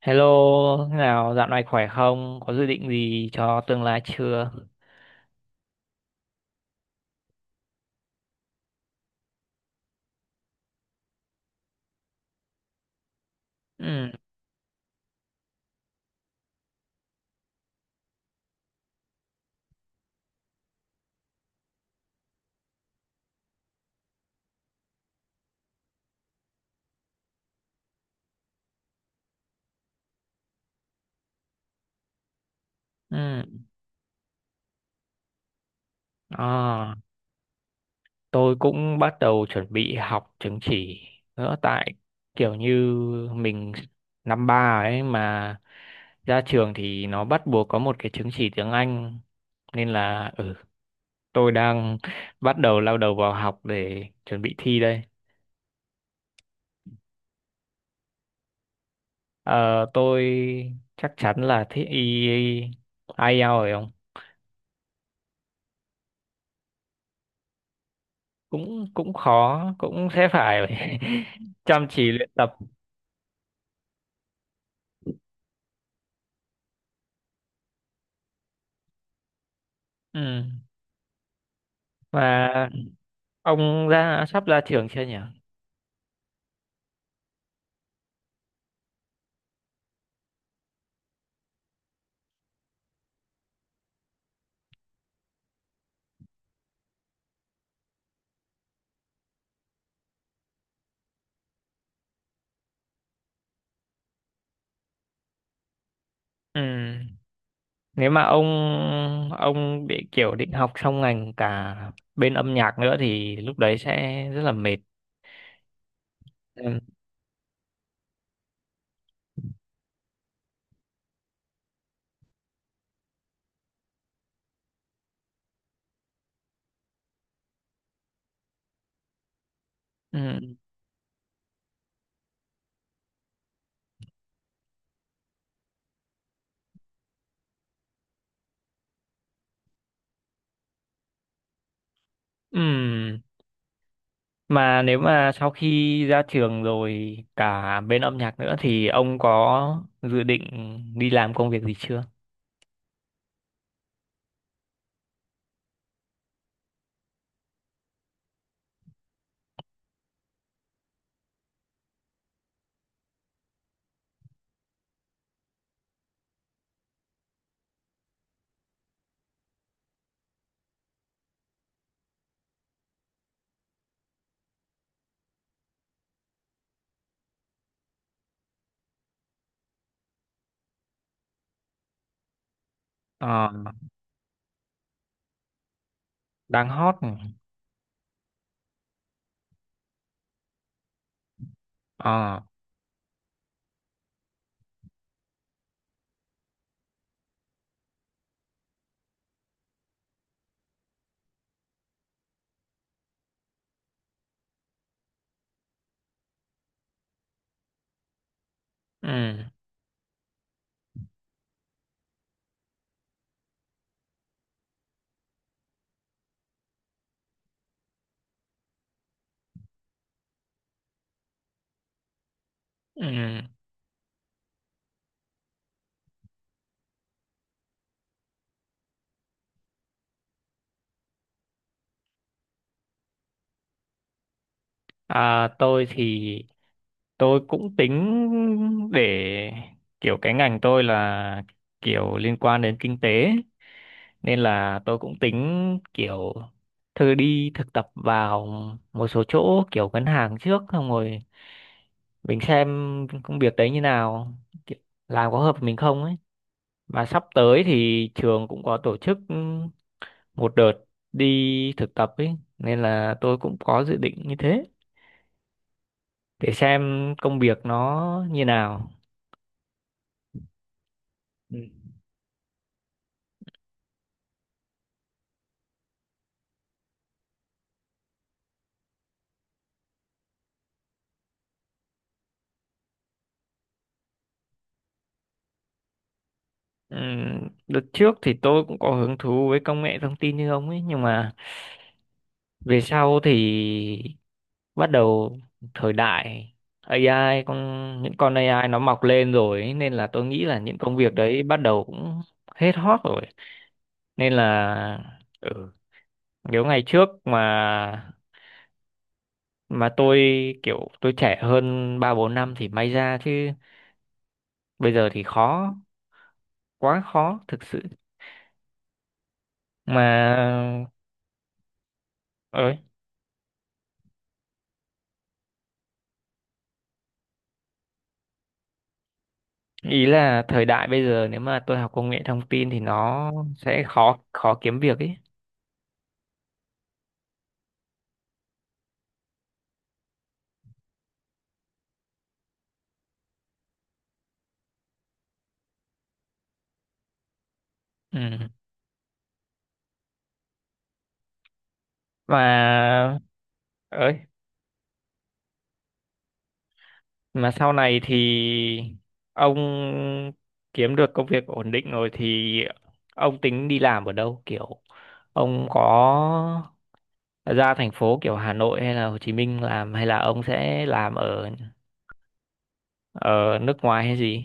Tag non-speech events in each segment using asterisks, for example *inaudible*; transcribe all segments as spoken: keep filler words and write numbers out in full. Hello, thế nào? Dạo này khỏe không? Có dự định gì cho tương lai chưa? Ừ, ừ. À, tôi cũng bắt đầu chuẩn bị học chứng chỉ nữa tại kiểu như mình năm ba ấy mà ra trường thì nó bắt buộc có một cái chứng chỉ tiếng Anh nên là ừ, tôi đang bắt đầu lao đầu vào học để chuẩn bị thi đây. Ờ, tôi chắc chắn là thi i en lát rồi không? Cũng cũng khó, cũng sẽ phải *laughs* chăm chỉ luyện tập. Ừ. Mà ông ra sắp ra trường chưa nhỉ? Ừ. Nếu mà ông ông bị kiểu định học xong ngành cả bên âm nhạc nữa thì lúc đấy sẽ rất là mệt. Ừ. Ừ. Ừ. Mà nếu mà sau khi ra trường rồi cả bên âm nhạc nữa thì ông có dự định đi làm công việc gì chưa? Ờ, đang hot. Ờ, ừ. Ừ. À, tôi thì tôi cũng tính để kiểu cái ngành tôi là kiểu liên quan đến kinh tế nên là tôi cũng tính kiểu thử đi thực tập vào một số chỗ kiểu ngân hàng trước, xong rồi mình xem công việc đấy như nào, kiểu làm có hợp với mình không ấy. Và sắp tới thì trường cũng có tổ chức một đợt đi thực tập ấy, nên là tôi cũng có dự định như thế để xem công việc nó như nào. Ừ. Ừm, đợt trước thì tôi cũng có hứng thú với công nghệ thông tin như ông ấy, nhưng mà về sau thì bắt đầu thời đại a i, con những con a i nó mọc lên rồi ấy, nên là tôi nghĩ là những công việc đấy bắt đầu cũng hết hot rồi. Nên là ừ, nếu ngày trước mà mà tôi kiểu tôi trẻ hơn ba bốn năm thì may ra, chứ bây giờ thì khó, quá khó thực sự. Mà ơi, ý là thời đại bây giờ nếu mà tôi học công nghệ thông tin thì nó sẽ khó, khó kiếm việc ấy. Ừ. Mà ơi, mà sau này thì ông kiếm được công việc ổn định rồi thì ông tính đi làm ở đâu? Kiểu ông có ra thành phố kiểu Hà Nội hay là Hồ Chí Minh làm, hay là ông sẽ làm ở ở nước ngoài hay gì?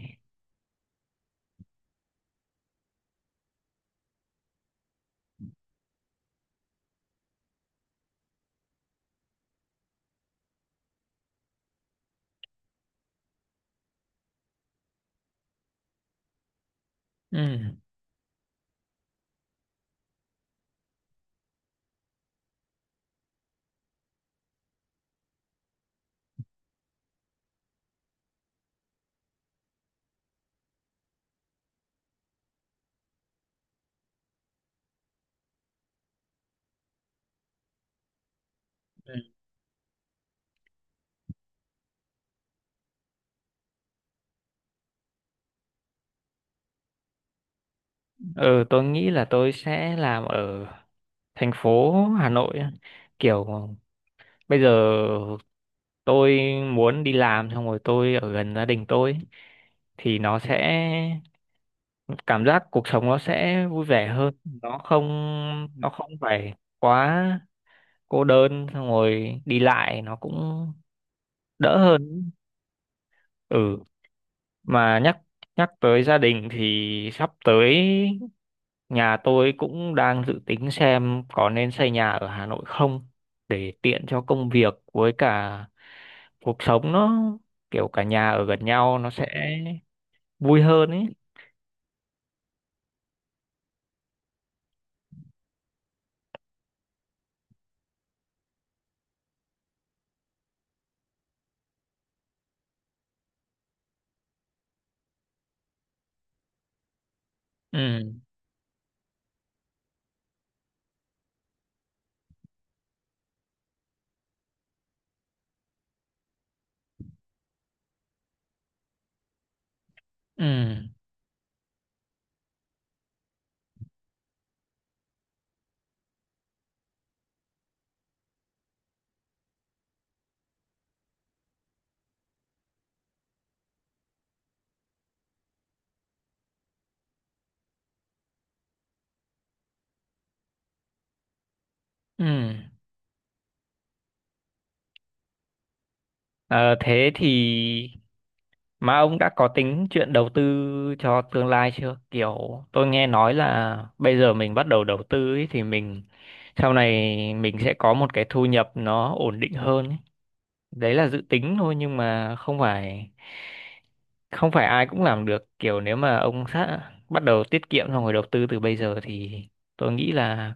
Ừ. Ừ, tôi nghĩ là tôi sẽ làm ở thành phố Hà Nội á, kiểu bây giờ tôi muốn đi làm xong rồi tôi ở gần gia đình tôi thì nó sẽ cảm giác cuộc sống nó sẽ vui vẻ hơn, nó không nó không phải quá cô đơn, xong rồi đi lại nó cũng đỡ hơn. Ừ, mà nhắc nhắc tới gia đình thì sắp tới nhà tôi cũng đang dự tính xem có nên xây nhà ở Hà Nội không, để tiện cho công việc với cả cuộc sống nó kiểu cả nhà ở gần nhau nó sẽ vui hơn ấy. Ừ, ừ, ừ. Ờ, thế thì mà ông đã có tính chuyện đầu tư cho tương lai chưa? Kiểu tôi nghe nói là bây giờ mình bắt đầu đầu tư ấy, thì mình sau này mình sẽ có một cái thu nhập nó ổn định hơn ấy. Đấy là dự tính thôi nhưng mà không phải không phải ai cũng làm được. Kiểu nếu mà ông sát bắt đầu tiết kiệm xong rồi đầu tư từ bây giờ thì tôi nghĩ là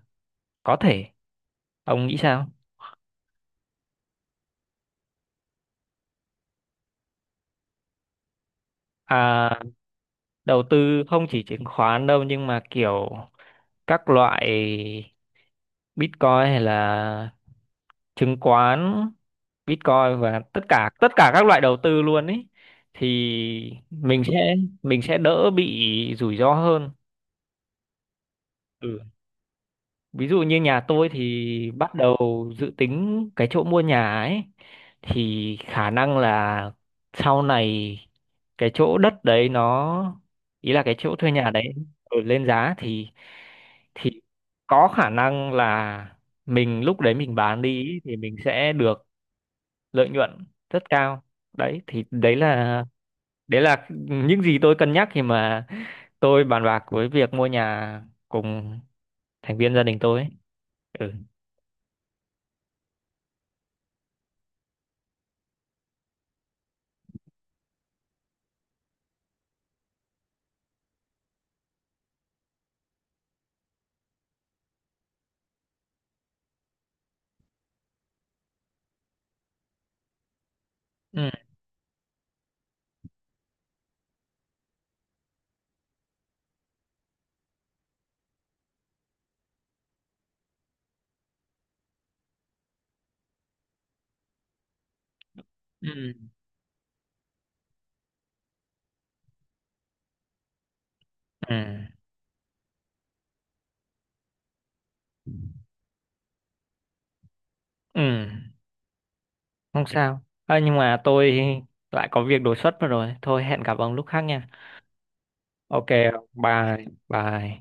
có thể. Ông nghĩ sao? À, đầu tư không chỉ chứng khoán đâu nhưng mà kiểu các loại Bitcoin hay là chứng khoán, Bitcoin và tất cả tất cả các loại đầu tư luôn ấy, thì mình sẽ mình sẽ đỡ bị rủi ro hơn. Ừ. Ví dụ như nhà tôi thì bắt đầu dự tính cái chỗ mua nhà ấy, thì khả năng là sau này cái chỗ đất đấy nó, ý là cái chỗ thuê nhà đấy ở lên giá thì thì có khả năng là mình lúc đấy mình bán đi ý, thì mình sẽ được lợi nhuận rất cao, đấy thì đấy là đấy là những gì tôi cân nhắc khi mà tôi bàn bạc với việc mua nhà cùng thành viên gia đình tôi ấy. ừ ừ ừ ừ ừ không sao à, nhưng mà tôi lại có việc đột xuất mất rồi, thôi hẹn gặp ông lúc khác nha. Ok, bye bye.